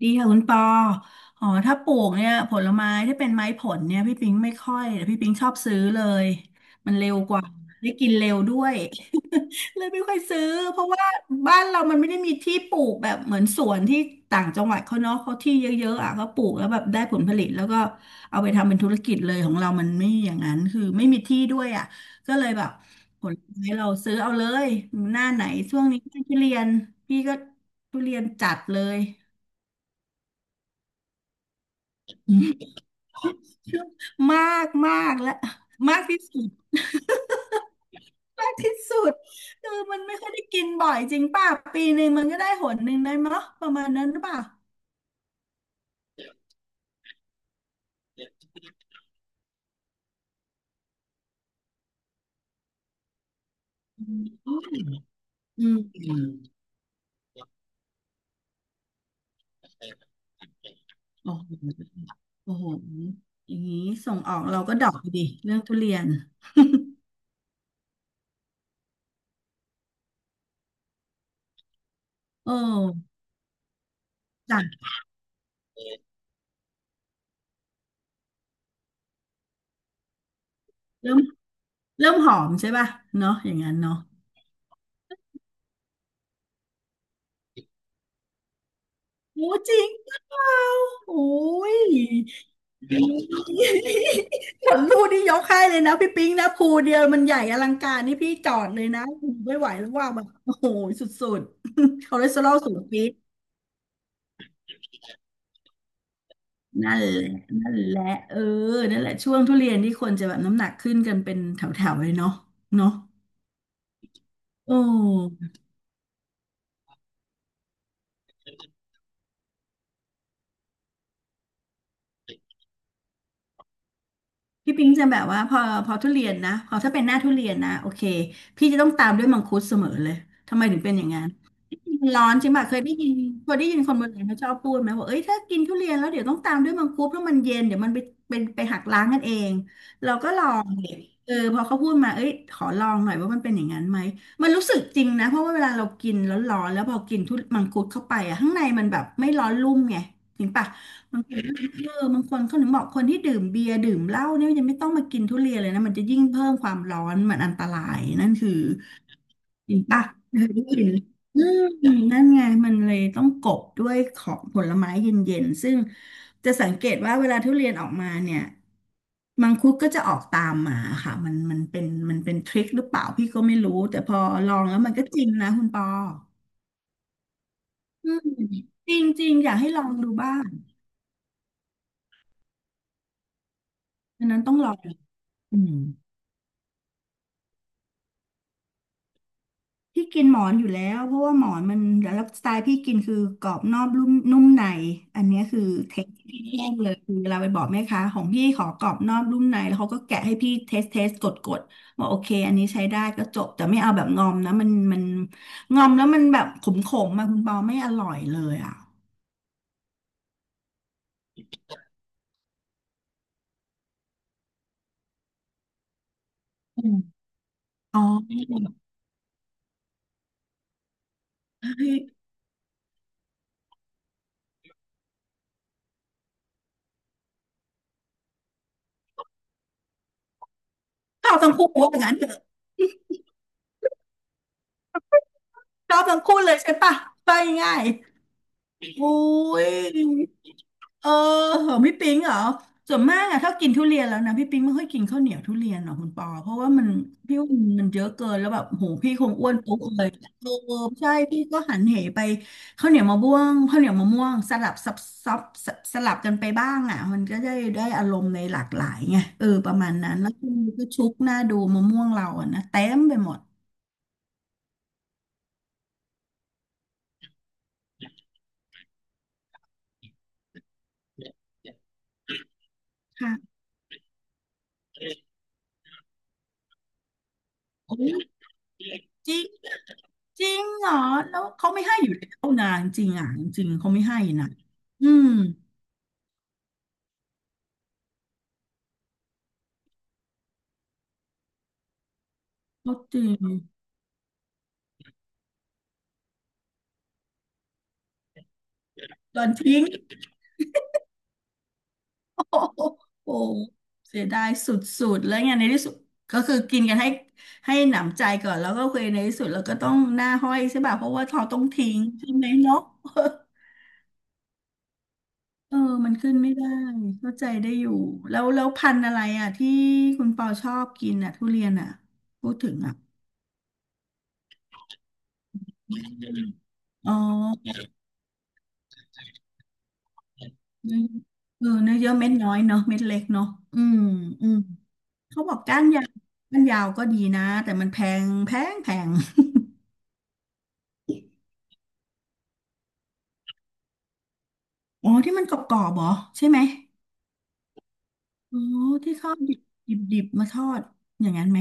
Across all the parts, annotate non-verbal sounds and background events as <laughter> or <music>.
ดีค่ะคุณปออ๋อถ้าปลูกเนี่ยผลไม้ที่เป็นไม้ผลเนี่ยพี่ปิงไม่ค่อยแต่พี่ปิงชอบซื้อเลย มันเร็วกว่าได้กินเร็วด้วย <laughs> เลยไม่ค่อยซื้อเพราะว่าบ้านเรามันไม่ได้มีที่ปลูกแบบเหมือนสวนที่ต่างจังหวัดเขาเนาะเขาที่เยอะๆอ่ะก็ปลูกแล้วแบบได้ผลผลิตแล้วก็เอาไปทำเป็นธุรกิจเลยของเรามันไม่อย่างนั้นคือไม่มีที่ด้วยอ่ะก็เลยแบบผลไม้เราซื้อเอาเลยหน้าไหนช่วงนี้ทุเรียนพี่ก็ทุเรียนจัดเลย <laughs> มากมากและมากที่สุด <laughs> มากที่สุดคือมันไม่ค่อยได้กินบ่อยจริงป่ะปีหนึ่งมันก็ได้หนหนึ่งได้มั้งประมาณนั้นหรือเปล่าอืมอืมโอ้โหโอ้โหอย่างนี้ส่งออกเราก็ดรอกดีเรื่องทุเรียนโอ้จัดเริ่มหอมใช่ป่ะเนาะอย่างนั้นเนาะโอ้จริงหรือเปล่าโอ้ย <laughs> ผลลูกที่ยกให้เลยนะพี่ปิ๊งนะภูเดียวมันใหญ่อลังการนี่พี่จอดเลยนะไม่ไหวแล้วว่าแบบโอ้โหสุดๆคอเลสเตอรอลสูงปี๊ดนั่นแหละนั่นแหละเออนั่นแหละช่วงทุเรียนที่คนจะแบบน้ำหนักขึ้นกันเป็นแถวๆเลยเนาะเนาะโอ้พี่ปิ๊งจะแบบว่าพอพอทุเรียนนะพอถ้าเป็นหน้าทุเรียนนะโอเคพี่จะต้องตามด้วยมังคุดเสมอเลยทำไมถึงเป็นอย่างนั้น มนร้อนใช่ไหมเคยได้ยินเคยได้ยินคนโบราณเขาชอบพูดไหมว่าเอ้ยถ้ากินทุเรียนแล้วเดี๋ยวต้องตามด้วยมังคุดเพราะมันเย็นเดี๋ยวมันไปเป็นไปหักล้างกันเองเราก็ลองดิเออพอเขาพูดมาเอ้ยขอลองหน่อยว่ามันเป็นอย่างนั้นไหมมันรู้สึกจริงนะเพราะว่าเวลาเรากินแล้วร้อนแล้วพอกินทุมังคุดเข้าไปอะข้างในมันแบบไม่ร้อนลุ่มไงจริงปะบางคนเออบางคนเขาถึงบอกคนที่ดื่มเบียร์ดื่มเหล้าเนี่ยยังไม่ต้องมากินทุเรียนเลยนะมันจะยิ่งเพิ่มความร้อนมันอันตรายนั่นคือ เห็นปะเคยได้ยินอืมนั่นไง มันเลยต้องกบด้วยของผลไม้เย็นๆ ซึ่งจะสังเกตว่าเวลาทุเรียนออกมาเนี่ย มังคุดก็จะออกตามมาค่ะ มันเป็นทริคหรือเปล่าพี่ก็ไม่รู้แต่พอลองแล้วมันก็จริงนะคุณปออืมจริงจริงอยากให้ลองดูบ้างอันนั้นต้องลองอืม พี่กินหมอนอยู่แล้วเพราะว่าหมอนมันแล้วสไตล์พี่กินคือกรอบนอกนุ่มในอันเนี้ยคือเทคที่พี่แย่งเลยคือเราไปบอกแม่ค้าของพี่ขอกรอบนอกนุ่มในแล้วเขาก็แกะให้พี่เทสเทสกดกดบอกโอเคอันนี้ใช้ได้ก็จบแต่ไม่เอาแบบงอมนะมันงอมแล้วมันแบบขมขมมาคุณปอไม่อร่อยเลยอ่ะอืมอ๋อชอบทั้งคู่ว่าอย่างนั้นเถอะชอบทั้งคู่เลยใช่ปะไปง่ายๆอุ้ย เออเหรอพี่ปิงเหรอส่วนมากอะถ้ากินทุเรียนแล้วนะพี่ปิงไม่ค่อยกินข้าวเหนียวทุเรียนหรอกคุณปอเพราะว่ามันพี่ว่ามันเยอะเกินแล้วแบบโหพี่คงอ้วนปุ๊บเลยเออใช่พี่ก็หันเหไปข้าวเหนียวมะม่วงข้าวเหนียวมะม่วงสลับซับซับสสลับกันไปบ้างอะมันก็ได้ได้อารมณ์ในหลากหลายไงเออประมาณนั้นแล้วก็ชุกหน้าดูมะม่วงเราอะนะเต็มไปหมดค่ะโอ้ยจริง จริงเหรอแล้วเขาไม่ให้อยู่แล้วนะจริงอ่ะจริงเขาไม่ให้นะอืมเขาจริงโดนทิ้ง <laughs> โอ้โหโอ้โหเสียดายสุดๆแล้วไงในที่สุดก็คือกินกันให้หนำใจก่อนแล้วก็เคือในที่สุดเราก็ต้องหน้าห้อยใช่ป่ะเพราะว่าเขาต้องทิ้งใช่ไหมเนาะ <laughs> เออมันขึ้นไม่ได้เข้าใจได้อยู่แล้วพันธุ์อะไรอ่ะที่คุณปอชอบกินอ่ะทุเรียนอ่ะพูดถึงอ่ะอ๋อ เนื้อเออเนื้อเยอะเม็ดน้อยเนาะเม็ดเล็กเนาะอืมอืมเขาบอกก้านยาวก้านยาวก็ดีนะแต่มันแพงแพงอ๋อที่มันกรอบๆเหรอใช่ไหมอ๋อที่เขาดิบดิบๆมาทอดอย่างนั้นไหม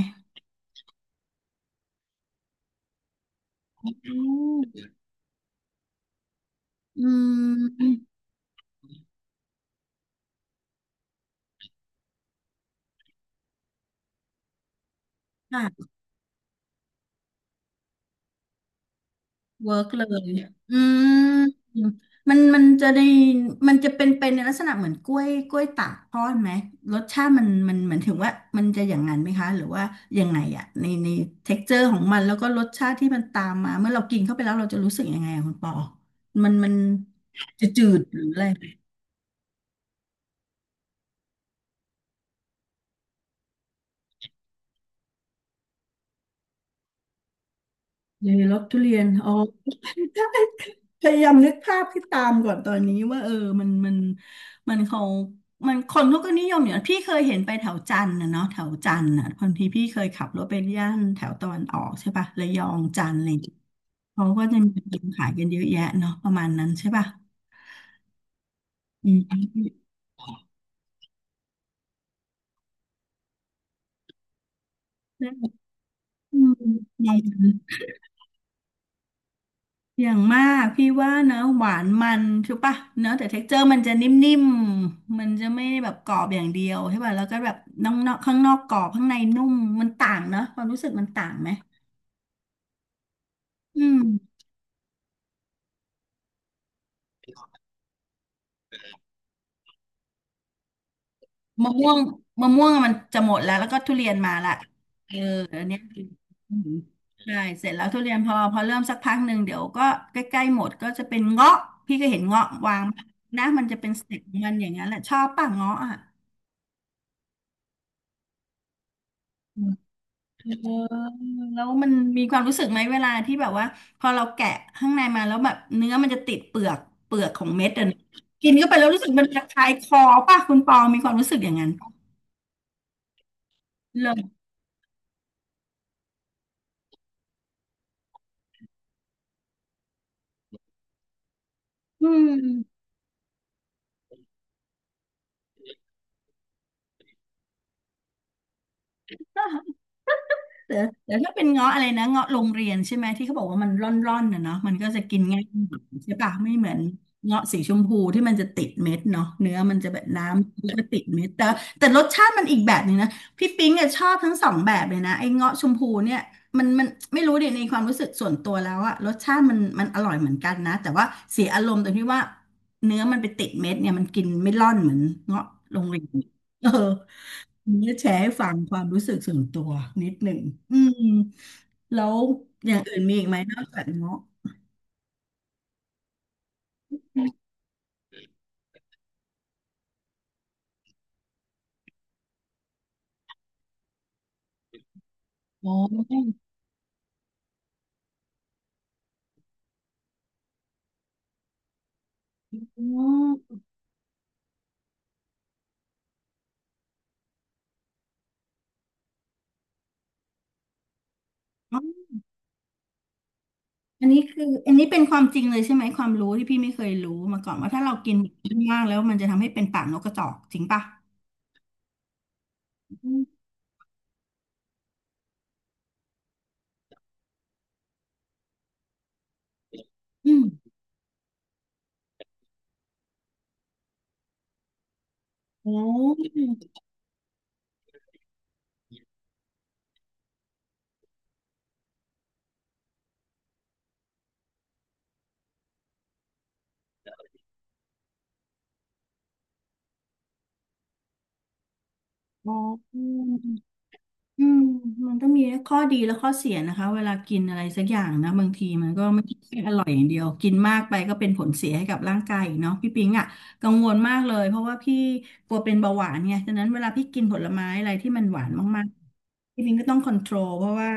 อืมอืมค่ะ เวิร์กเลยอืมมันจะได้มันจะเป็นในลักษณะเหมือนกล้วยตากทอดไหม รสชาติมันเหมือนถึงว่ามันจะอย่างนั้นไหมคะ หรือว่ายังไงอะในเท็กเจอร์ของมันแล้วก็รสชาติที่มันตามมาเมื่อเรากินเข้าไปแล้วเราจะรู้สึกยังไงอะคุณปอมันจะจืดหรืออะไร เลยรสทุเรียนอ๋อ <laughs> ใช่พยายามนึกภาพให้ตามก่อนตอนนี้ว่าเออมันมันมันเขามันคนเขาก็นิยมอย่างพี่เคยเห็นไปแถวจันทร์นะเนาะแถวจันทร์อ่ะบางทีพี่เคยขับรถไปย่านแถวตะวันออกใช่ป่ะระยองจันทร์อะไรอย่างเงี้ยเขาก็จะมีขายกันเยอะแยะเนาะประมาณนั้นใช่ป่ะอืมอืม อย่างมากพี่ว่านะหวานมันใช่ปะเนอะแต่เท็กเจอร์มันจะนิ่มๆมันจะไม่แบบกรอบอย่างเดียวใช่ป่ะแล้วก็แบบนอกๆข้างนอกกรอบข้างในนุ่มมันต่างเนอะความรู้สึกมันต่างไหมอืมมะม่วงมะม่วงมันจะหมดแล้วแล้วก็ทุเรียนมาละเอออันเนี้ยอืมใช่เสร็จแล้วทุเรียนพอเริ่มสักพักหนึ่งเดี๋ยวก็ใกล้ๆหมดก็จะเป็นเงาะพี่ก็เห็นเงาะวางนะมันจะเป็นสเต็ปของมันอย่างนั้นแหละชอบป่ะเงาะอ่ะ เออแล้วมันมีความรู้สึกไหมเวลาที่แบบว่าพอเราแกะข้างในมาแล้วแบบเนื้อมันจะติดเปลือกเปลือกของเม็ดอ่ะนะกินเข้าไปแล้วรู้สึกมันจะคายคอป่ะคุณปอมีความรู้สึกอย่างนั้นป่ะเลยอืม แต่แต่ถ้าเป็นเงาะอะไรนะเงาะโรงเรียนใช่ไหมที่เขาบอกว่ามันร่อนๆน่ะเนาะมันก็จะกินง่ายหน่อยใช่ปะไม่เหมือนเงาะสีชมพูที่มันจะติดเม็ดเนาะเนื้อมันจะแบบน้ำมันก็ติดเม็ดแต่แต่รสชาติมันอีกแบบหนึ่งนะพี่ปิ๊งอะชอบทั้งสองแบบเลยนะไอ้เงาะชมพูเนี่ยมันไม่รู้ดิในความรู้สึกส่วนตัวแล้วอะรสชาติมันอร่อยเหมือนกันนะแต่ว่าเสียอารมณ์ตรงที่ว่าเนื้อมันไปติดเม็ดเนี่ยมันกินไม่ร่อนเหมือนเงาะโรงเรียนเออ เนี่ยแชร์ให้ฟังความรู้สึกส่วนตัวนิดหนึ่ง อืมแล้วอย่างอื่นมีอีกไหมนอกจากเงาะ อ๋อ อ๋ออันนี้คืออันนี้เป็นความจริงเลยใช่ไหมความรู้ที่พี่ไม่เคยรู้มาก่อนว่าถ้าเรากินมากแล้วมันจะทำให้เป็นปากนกกระจอกจริงปะอืมอืมโอ้อ๋อ อืมมันก็มีข้อดีและข้อเสียนะคะเวลากินอะไรสักอย่างนะบางทีมันก็ไม่ใช่แค่อร่อยอย่างเดียวกินมากไปก็เป็นผลเสียให้กับร่างกายอีกเนาะพี่ปิงอ่ะกังวลมากเลยเพราะว่าพี่กลัวเป็นเบาหวานไงฉะนั้นเวลาพี่กินผลไม้อะไรที่มันหวานมากๆพี่ปิงก็ต้องคอนโทรลเพราะว่า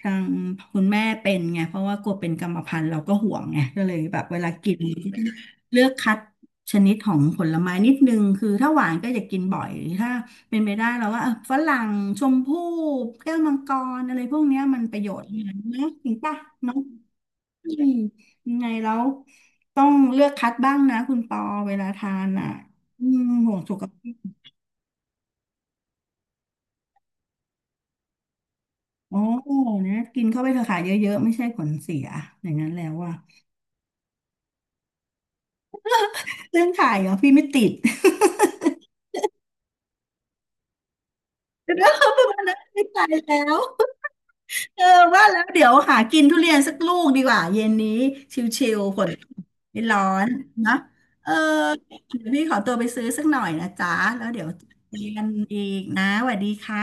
ทางคุณแม่เป็นไงเพราะว่ากลัวเป็นกรรมพันธุ์เราก็ห่วงไงก็เลยแบบเวลากินเลือกคัดชนิดของผลไม้นิดนึงคือถ้าหวานก็อย่ากินบ่อยถ้า เป็นไปได้แล้วว่าเออฝรั่งชมพู่แก้วมังกรอะไรพวกเนี้ยมันประโยชน์นะเนอะจริงป่ะเนาะอืมยังไงแล้วต้องเลือกคัดบ้างนะคุณปอเวลาทานอ่ะอืมห่วงสุขภาพโอ้เนี่ยกินเข้าไปเถอะค่ะเยอะๆไม่ใช่ผลเสียอย่างนั้นแล้วอ่ะเรื่องถ่ายเหรอพี่ไม่ติด <laughs> เรื่องประมาณนั้นไม่ตายแล้ว เออว่าแล้วเดี๋ยวหากินทุเรียนสักลูกดีกว่าเย็นนี้ชิลๆฝนไม่ร้อนนะเออเดี๋ยวพี่ขอตัวไปซื้อสักหน่อยนะจ๊ะแล้วเดี๋ยวเจอกันอีกนะสวัสดีค่ะ